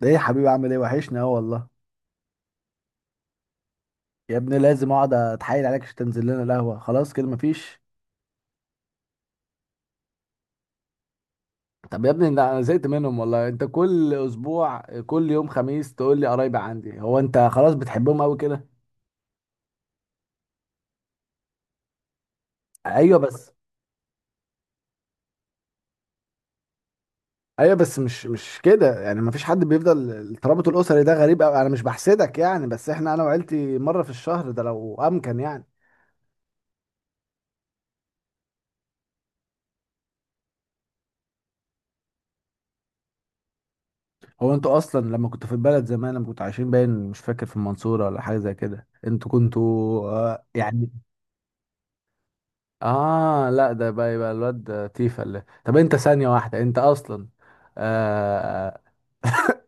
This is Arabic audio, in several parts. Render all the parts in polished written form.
ده ايه يا حبيبي؟ عامل ايه؟ وحشني اهو والله. يا ابني لازم اقعد اتحايل عليك عشان تنزل لنا القهوه؟ خلاص كده مفيش. طب يا ابني ده انا زهقت منهم والله، انت كل اسبوع، كل يوم خميس تقول لي قرايبي عندي. هو انت خلاص بتحبهم قوي كده؟ ايوه بس. ايوه بس مش كده يعني، مفيش حد بيفضل الترابط الاسري، ده غريب قوي. انا مش بحسدك يعني، بس احنا انا وعيلتي مره في الشهر، ده لو امكن يعني. هو انتوا اصلا لما كنتوا في البلد زمان، لما كنتوا عايشين، باين مش فاكر، في المنصوره ولا حاجه زي كده؟ انتوا كنتوا يعني. اه لا، ده بقى يبقى الواد ده تيفا اللي... طب انت ثانية واحدة، انت اصلا اه,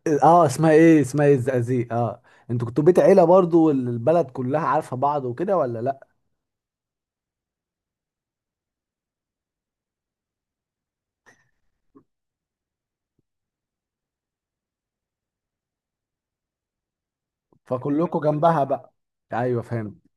اسمها ايه اسمها ايه الزقازيق، انتوا كنتوا بيت عيلة برضو والبلد كلها عارفة بعض وكده ولا لا؟ كلنا، فكلكوا في جنبها بقى. ايوه فهمت.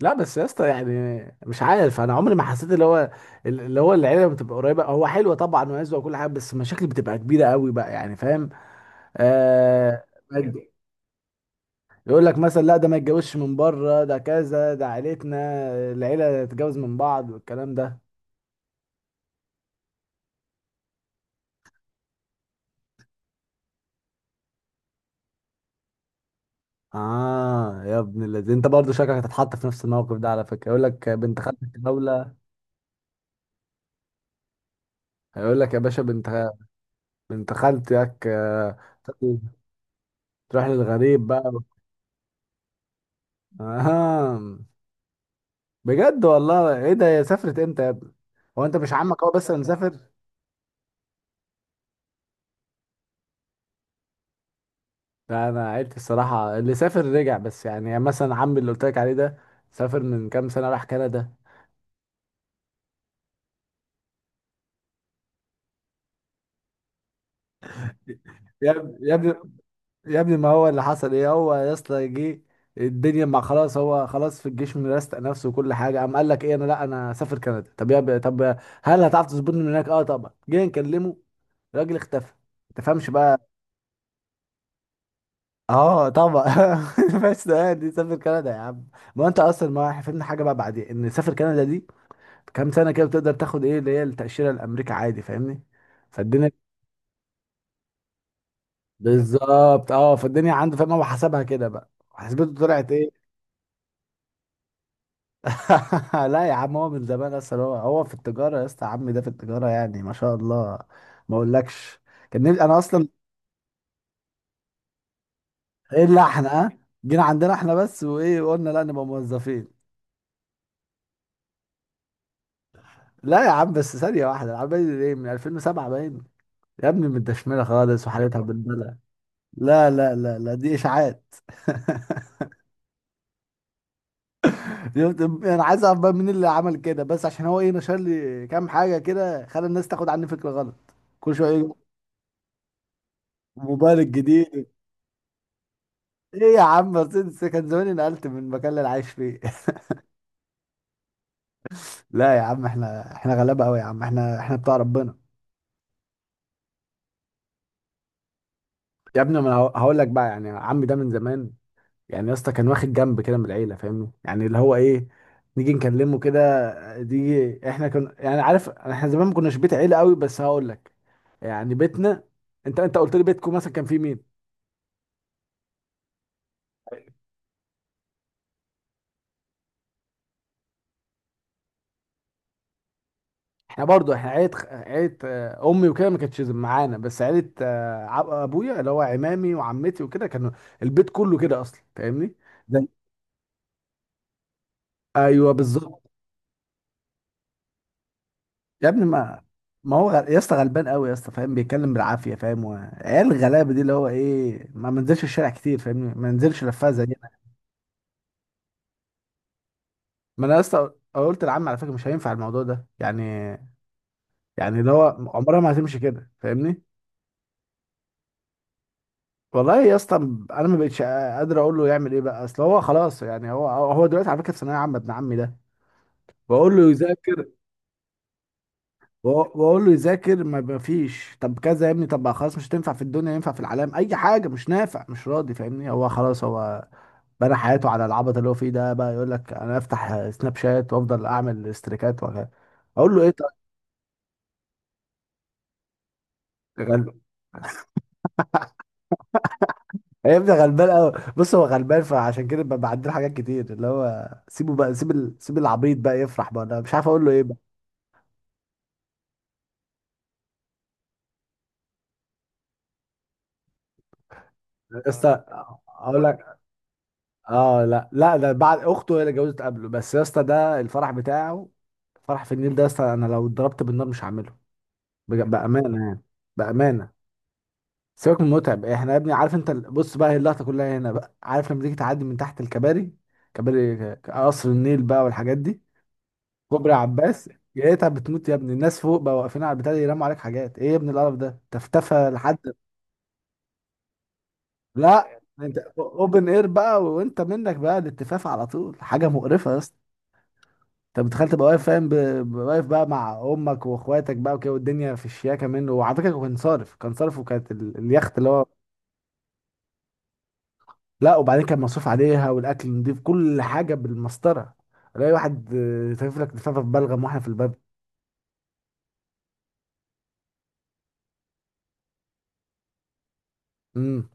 لا بس يا اسطى يعني، مش عارف، انا عمري ما حسيت اللي هو العيله بتبقى قريبه. هو حلوه طبعا وعزوه وكل حاجه، بس المشاكل بتبقى كبيره قوي بقى يعني، فاهم؟ آه. يقول لك مثلا لا، ده ما يتجوزش من بره، ده كذا، ده عيلتنا، العيله تتجوز من بعض والكلام ده. اه يا ابن الذين، انت برضه شكلك هتتحط في نفس الموقف ده على فكره. يقول لك بنت خالتك دوله. هيقول لك يا باشا بنت، بنت خالتك، تروح للغريب بقى. اه، بجد والله؟ ايه ده؟ هي سافرت امتى يا ابني؟ هو انت مش عمك هو بس اللي مسافر؟ لا انا عيلتي الصراحه اللي سافر رجع، بس يعني مثلا عمي اللي قلت لك عليه ده سافر من كام سنه راح كندا. يا ابني يا ابني يا ابني، ما هو اللي حصل ايه؟ هو يا اسطى جه الدنيا ما خلاص، هو خلاص في الجيش مرستق نفسه وكل حاجه، قام قال لك ايه؟ انا لا، انا سافر كندا. طب هل هتعرف تظبطني من هناك؟ اه طبعا. جه نكلمه، الراجل اختفى. ما تفهمش بقى. اه طبعا. بس ده، دي سافر كندا يا عم. ما هو انت اصلا ما فهمنا حاجه بقى، بعدين ان سافر كندا دي كام سنه كده، بتقدر تاخد ايه اللي هي التاشيره الامريكا عادي، فاهمني؟ فالدنيا... بالظبط. اه فالدنيا عنده، فاهم؟ هو حسبها كده بقى، حسبته طلعت ايه؟ لا يا عم، هو من زمان اصلا، هو في التجاره. يا اسطى عمي ده في التجاره يعني ما شاء الله. ما اقولكش كان نفسي- انا اصلا... ايه اللي احنا جينا عندنا احنا بس، وايه، وقلنا لا نبقى موظفين. لا يا عم، بس ثانيه واحده، العمال ايه من 2007 باين، يا ابني متدشمله خالص وحالتها بالبلة. لا لا لا لا، دي اشاعات. شفت؟ انا عايز اعرف بقى مين اللي عمل كده بس، عشان هو ايه نشر لي كام حاجه كده خلى الناس تاخد عني فكره غلط كل شويه. يجي موبايل الجديد. ايه يا عم مرسيدس؟ كان زماني نقلت من المكان اللي انا عايش فيه. لا يا عم، احنا غلابه قوي يا عم، احنا بتاع ربنا. يا ابني ما انا هقول لك بقى يعني، عمي ده من زمان يعني يا اسطى كان واخد جنب كده من العيله، فاهمني؟ يعني اللي هو ايه نيجي نكلمه كده. دي احنا كنا يعني، عارف، احنا زمان ما كناش بيت عيله قوي، بس هقول لك يعني بيتنا... انت قلت لي بيتكم مثلا كان فيه مين؟ احنا برضو احنا عيلة عيلة، امي وكده ما كانتش معانا، بس عيلة ابويا اللي هو عمامي وعمتي وكده كانوا البيت كله كده اصلا، فاهمني؟ زي، ايوه بالظبط. يا ابني، ما هو يا اسطى غلبان قوي يا اسطى، فاهم؟ بيتكلم بالعافيه فاهم عيال الغلابه دي اللي هو ايه، ما منزلش الشارع كتير فاهمني، ما منزلش لفها زينا. ما انا يا اسطى قلت لعمي على فكره مش هينفع الموضوع ده يعني، يعني اللي هو عمرها ما هتمشي كده فاهمني. والله يا اسطى، انا ما بقتش قادر اقول له يعمل ايه بقى، اصل هو خلاص يعني، هو دلوقتي على فكره في ثانويه عامه ابن عمي ده. بقول له يذاكر، واقول له يذاكر، ما فيش. طب كذا يا ابني؟ طب خلاص، مش هتنفع في الدنيا، ينفع في العالم اي حاجه، مش نافع، مش راضي، فاهمني؟ هو خلاص هو بنى حياته على العبط اللي هو فيه ده بقى، يقول لك انا افتح سناب شات وافضل اعمل استريكات وكذا. اقول له ايه طيب؟ يا غلبان، يا ابني غلبان قوي. بص هو غلبان، فعشان كده بعدله حاجات كتير، اللي هو سيبه بقى، سيب العبيط بقى يفرح بقى. انا مش عارف اقول له ايه. يا اسطى اقول لك، اه لا لا، ده بعد اخته هي اللي اتجوزت قبله، بس يا اسطى ده الفرح بتاعه فرح في النيل ده، يا اسطى انا لو اتضربت بالنار مش هعمله. بامانه يعني، بامانه. سيبك من متعب، احنا يا ابني عارف انت بص بقى، هي اللقطه كلها هنا بقى، عارف لما تيجي تعدي من تحت الكباري، كباري قصر النيل بقى والحاجات دي، كوبري عباس، لقيتها بتموت يا ابني. الناس فوق بقى واقفين على البتاع ده يرموا عليك حاجات، ايه يا ابني القرف ده؟ تفتفى لحد... لا، انت اوبن اير بقى، وانت منك بقى الاتفاف على طول، حاجه مقرفه يا اسطى. انت متخيل تبقى واقف فاهم واقف بقى مع امك واخواتك بقى وكده، والدنيا في الشياكه منه. وعلى فكره كان صارف وكانت اليخت اللي هو... لا وبعدين كان مصروف عليها والاكل نضيف، كل حاجه بالمسطره. الاقي واحد تلف لك لفافه في بلغم واحنا في الباب. امم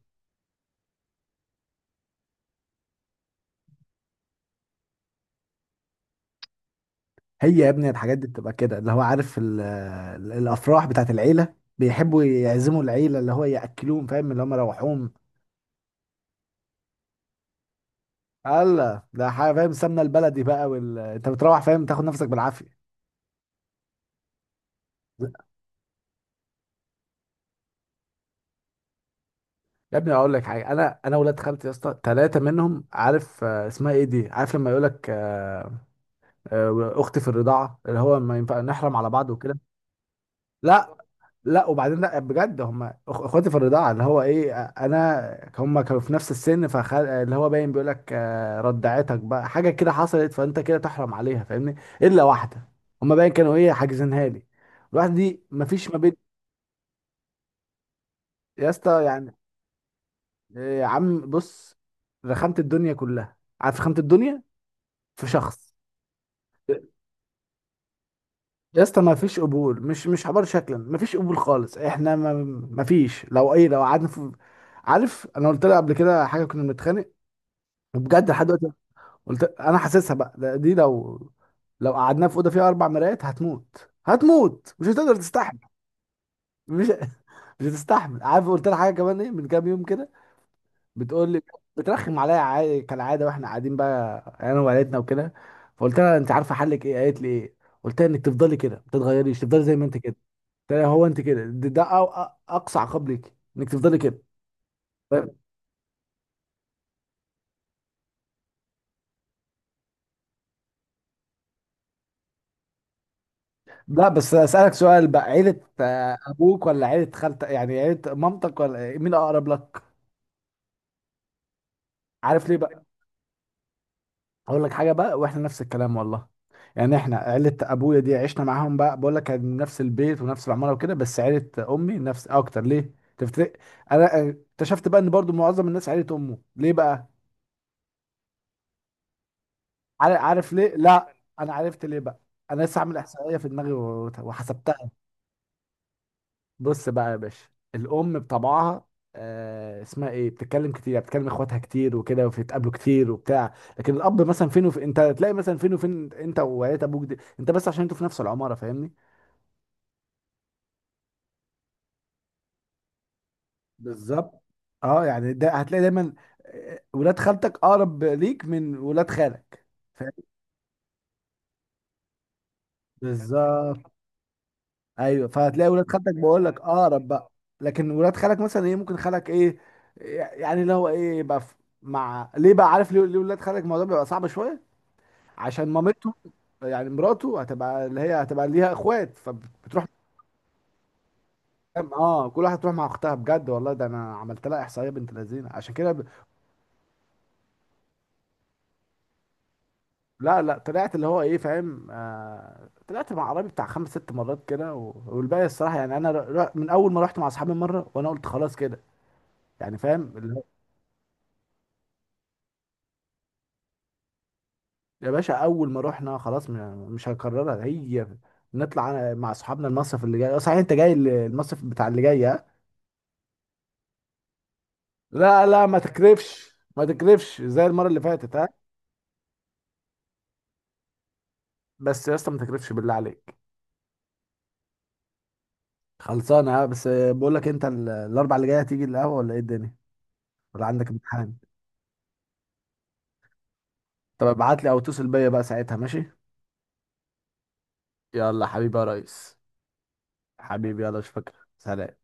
هي يا ابني الحاجات دي بتبقى كده، اللي هو عارف الافراح بتاعت العيله، بيحبوا يعزموا العيله اللي هو ياكلوهم، فاهم؟ اللي هم روحوهم. هلا، ده حاجه فاهم، سمنه البلدي بقى انت بتروح فاهم تاخد نفسك بالعافيه. يا ابني اقول لك حاجه، انا ولاد خالتي يا اسطى 3 منهم، عارف آه، اسمها ايه دي، عارف لما يقول لك اختي في الرضاعه اللي هو ما ينفع نحرم على بعض وكده. لا، لا وبعدين، لا بجد هم اخواتي في الرضاعه اللي هو ايه، انا هم كانوا في نفس السن، فخل... آه، اللي هو باين بيقول لك ردعتك بقى حاجه كده حصلت فانت كده تحرم عليها، فاهمني؟ الا واحده، هم باين كانوا ايه حاجزينها لي. الواحده دي مفيش ما بين. يا اسطى يعني، إيه يا عم؟ بص، رخمت الدنيا كلها عارف، رخمت الدنيا في شخص. يا اسطى ما فيش قبول، مش حوار. شكلا ما فيش قبول خالص، احنا ما فيش. لو ايه، لو قعدنا في... عارف انا قلت لها قبل كده حاجه كنا بنتخانق، وبجد لحد دلوقتي. قلت انا حاسسها بقى، لا دي لو قعدنا في اوضه فيها 4 مرايات هتموت، هتموت، مش هتقدر تستحمل، مش مش هتستحمل. عارف قلت لها حاجه كمان ايه من كام يوم كده، بتقول لي... بترخم عليا عادي كالعاده واحنا قاعدين بقى انا وعيلتنا وكده. فقلت لها انت عارفه حلك ايه؟ قالت لي ايه؟ قلت لها انك تفضلي كده ما تتغيريش، تفضلي زي ما انت كده. قلت لها هو انت كده، ده اقصى عقاب ليك انك تفضلي كده. طيب. لا بس اسالك سؤال بقى، عيله ابوك ولا عيله خالتك؟ يعني عيله مامتك ولا مين اقرب لك؟ عارف ليه بقى؟ اقول لك حاجه بقى، واحنا نفس الكلام والله. يعني احنا عيله ابويا دي عشنا معاهم بقى، بقول لك كان نفس البيت ونفس العماره وكده، بس عيله امي نفس اكتر، ليه تفتكر؟ انا اكتشفت بقى ان برضو معظم الناس عيله امه، ليه بقى؟ عارف ليه؟ لا، انا عرفت ليه بقى. انا لسه عامل احصائيه في دماغي وحسبتها. بص بقى يا باشا، الام بطبعها آه اسمها ايه بتتكلم كتير، يعني بتتكلم اخواتها كتير وكده وبتتقابلوا كتير وبتاع. لكن الاب مثلا فين وفين، انت تلاقي مثلا فين وفين انت وعيلة ابوك دي، انت بس عشان انتوا في نفس العماره، فاهمني؟ بالظبط. اه يعني ده هتلاقي دايما ولاد خالتك اقرب ليك من ولاد خالك. فاهم بالظبط. ايوه، فهتلاقي ولاد خالتك بقول لك اقرب بقى. لكن ولاد خالك مثلا ايه، ممكن خالك ايه يعني، اللي هو ايه يبقى مع ليه بقى؟ عارف ليه؟ ليه ولاد خالك الموضوع بيبقى صعب شويه؟ عشان مامته يعني، مراته هتبقى اللي هي هتبقى ليها اخوات فبتروح، اه كل واحد تروح مع اختها. بجد والله، ده انا عملت لها احصائيه بنت لذينه عشان كده ب... لا لا، طلعت اللي هو ايه فاهم، طلعت مع عربي بتاع 5-6 مرات كده والباقي الصراحه يعني انا من اول ما رحت مع اصحابي مره، وانا قلت خلاص كده يعني، فاهم اللي هو... يا باشا اول ما رحنا خلاص، مش هنكررها، هي نطلع مع اصحابنا المصيف اللي جاي. صحيح، انت جاي المصيف بتاع اللي جاي؟ لا لا، ما تكرفش ما تكرفش زي المره اللي فاتت ها. بس يا اسطى ما تكرفش بالله عليك. خلصانه ها. بس بقول لك، انت الاربع اللي جايه هتيجي القهوه ولا ايه الدنيا؟ ولا عندك امتحان؟ طب ابعت لي او اتصل بيا بقى ساعتها ماشي. يلا حبيبي يا ريس. حبيبي يلا اشوفك. سلام.